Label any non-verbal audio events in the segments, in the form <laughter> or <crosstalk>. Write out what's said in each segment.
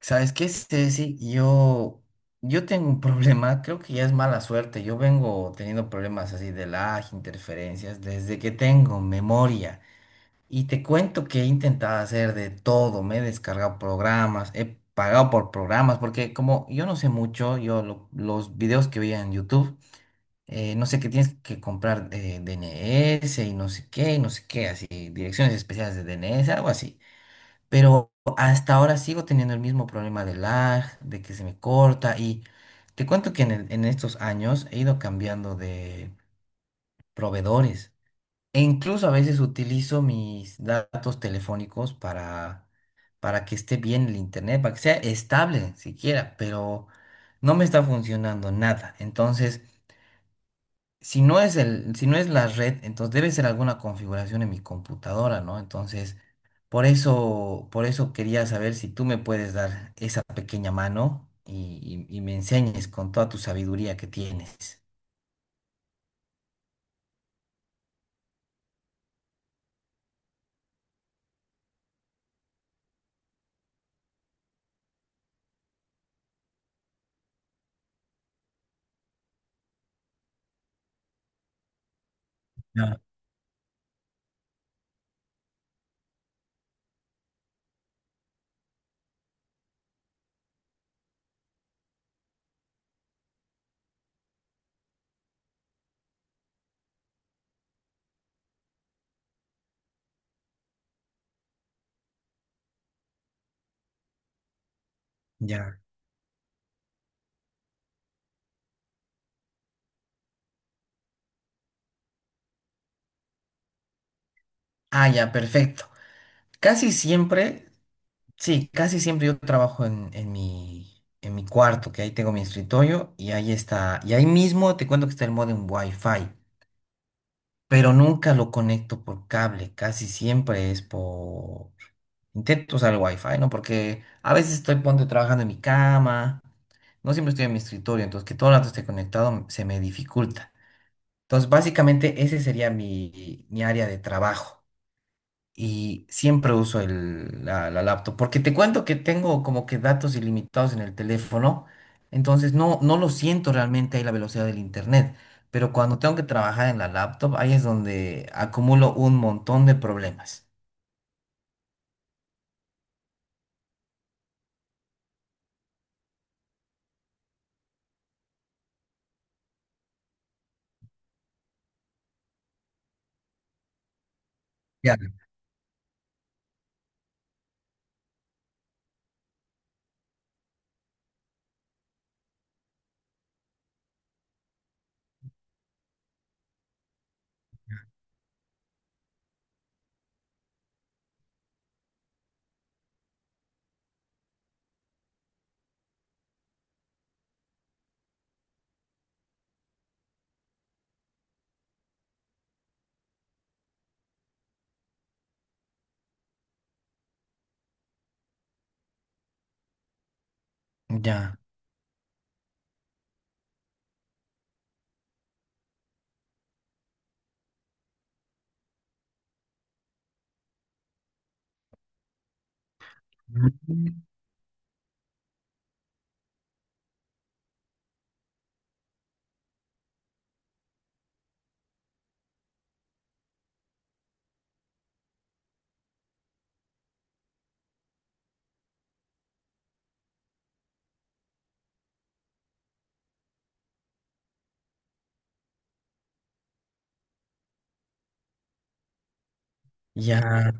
¿Sabes qué, Ceci? Yo tengo un <laughs> problema, creo que ya es mala suerte. Yo vengo teniendo problemas así de lag, interferencias, desde que tengo memoria. Y te cuento que he intentado hacer de todo, me he descargado programas, he pagado por programas, porque como yo no sé mucho, los videos que veía en YouTube, no sé qué tienes que comprar D N S y no sé qué, y no sé qué, así, direcciones especiales de D N S algo así. Pero hasta ahora sigo teniendo el mismo problema de lag, de que se me corta y te cuento que en estos años he ido cambiando de proveedores e incluso a veces utilizo mis datos telefónicos para que esté bien el internet, para que sea estable siquiera, pero no me está funcionando nada. Entonces si no es la red, entonces debe ser alguna configuración en mi computadora, ¿no? Entonces, por eso quería saber si tú me puedes dar esa pequeña mano y me enseñes con toda tu sabiduría que tienes. Ya, ya. Ah, ya, perfecto. Casi siempre, sí, casi siempre yo trabajo en mi cuarto, que ahí tengo mi escritorio y ahí está, y ahí mismo te cuento que está el modem Wi-Fi. Pero nunca lo conecto por cable, casi siempre es por... Intento usar el wifi, ¿no? Porque a veces estoy, ponte, trabajando en mi cama, no siempre estoy en mi escritorio, entonces que todo el rato esté conectado se me dificulta. Entonces, básicamente ese sería mi área de trabajo y siempre uso la laptop, porque te cuento que tengo como que datos ilimitados en el teléfono, entonces no lo siento realmente ahí la velocidad del internet, pero cuando tengo que trabajar en la laptop, ahí es donde acumulo un montón de problemas. Ya. Ya, mm. Ya,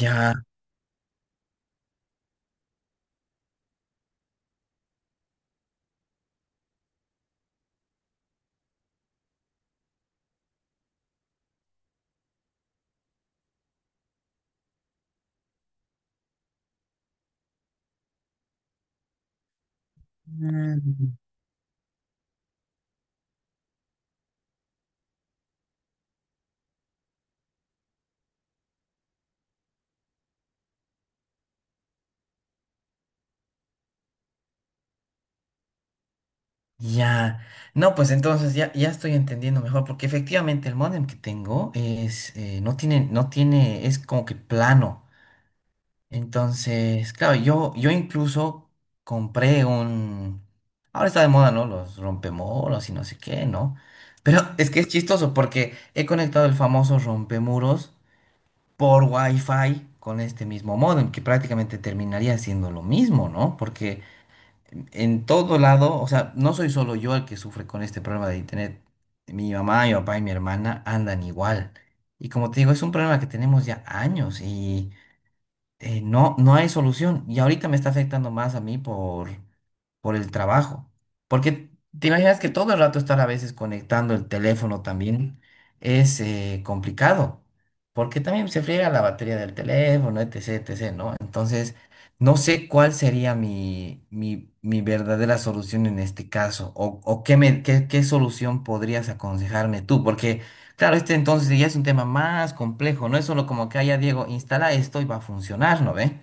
ya. Mm. Ya, no, pues entonces ya, ya estoy entendiendo mejor, porque efectivamente el módem que tengo es, no tiene, es como que plano. Entonces, claro, yo incluso compré un... Ahora está de moda, ¿no? Los rompemuros y no sé qué, ¿no? Pero <laughs> es que es chistoso porque he conectado el famoso rompemuros por Wi-Fi con este mismo modem, que prácticamente terminaría siendo lo mismo, ¿no? Porque en todo lado, o sea, no soy solo yo el que sufre con este problema de internet. Mi mamá, mi papá y mi hermana andan igual. Y como te digo, es un problema que tenemos ya años, no hay solución. Y ahorita me está afectando más a mí por el trabajo. Porque te imaginas que todo el rato estar a veces conectando el teléfono también es complicado, porque también se friega la batería del teléfono, etc., etc., ¿no? Entonces, no sé cuál sería mi verdadera solución en este caso, o qué, qué solución podrías aconsejarme tú, porque, claro, este entonces ya es un tema más complejo, no es solo como que, ah, ya Diego, instala esto y va a funcionar, ¿no ve?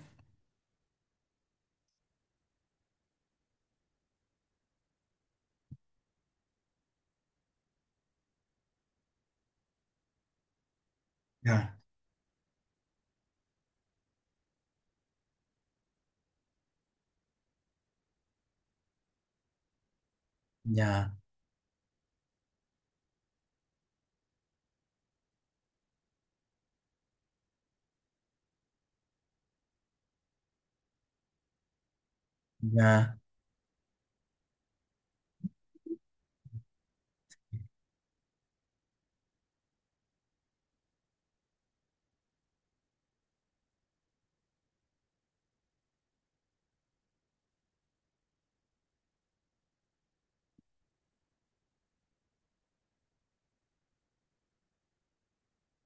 Ya, ya, ya,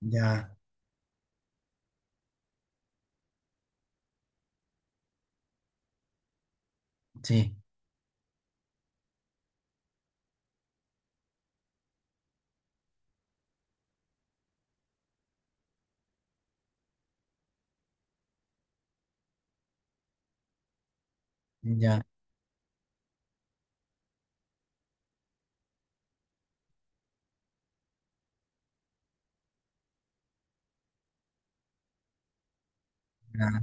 ya, sí. Ya, ya,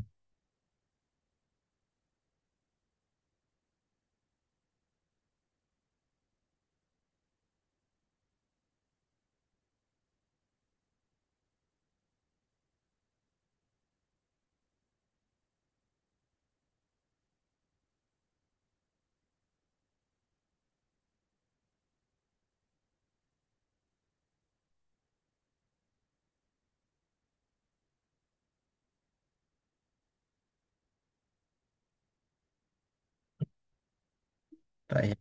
está bien.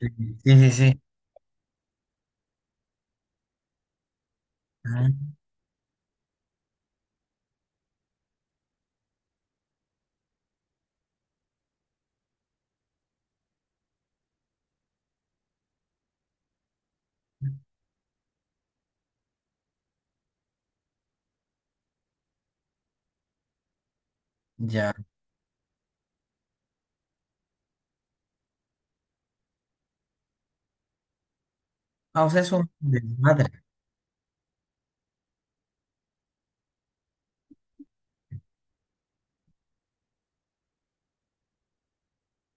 Sí, sí, sí. Ah, ya. Ah, o sea, es un desmadre.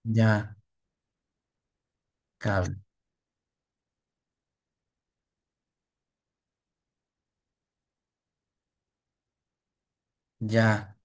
Ya, cable. Ya.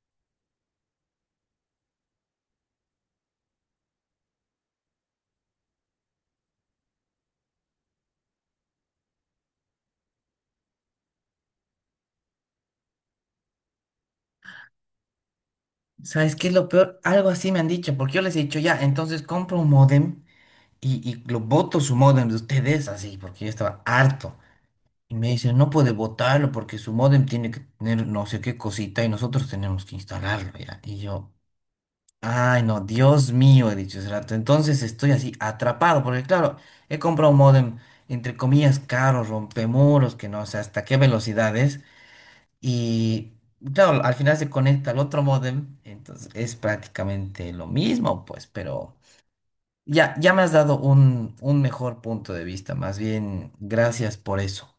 ¿Sabes qué es lo peor? Algo así me han dicho, porque yo les he dicho, ya, entonces compro un módem y lo voto su módem de ustedes así, porque yo estaba harto. Y me dicen, no puede votarlo porque su módem tiene que tener no sé qué cosita y nosotros tenemos que instalarlo, ya. Y yo, ay, no, Dios mío, he dicho hace rato. Entonces estoy así atrapado, porque claro, he comprado un módem, entre comillas, caro, rompemuros, que no sé hasta qué velocidades. Y claro, al final se conecta al otro módem, entonces es prácticamente lo mismo, pues, pero ya, ya me has dado un mejor punto de vista. Más bien, gracias por eso.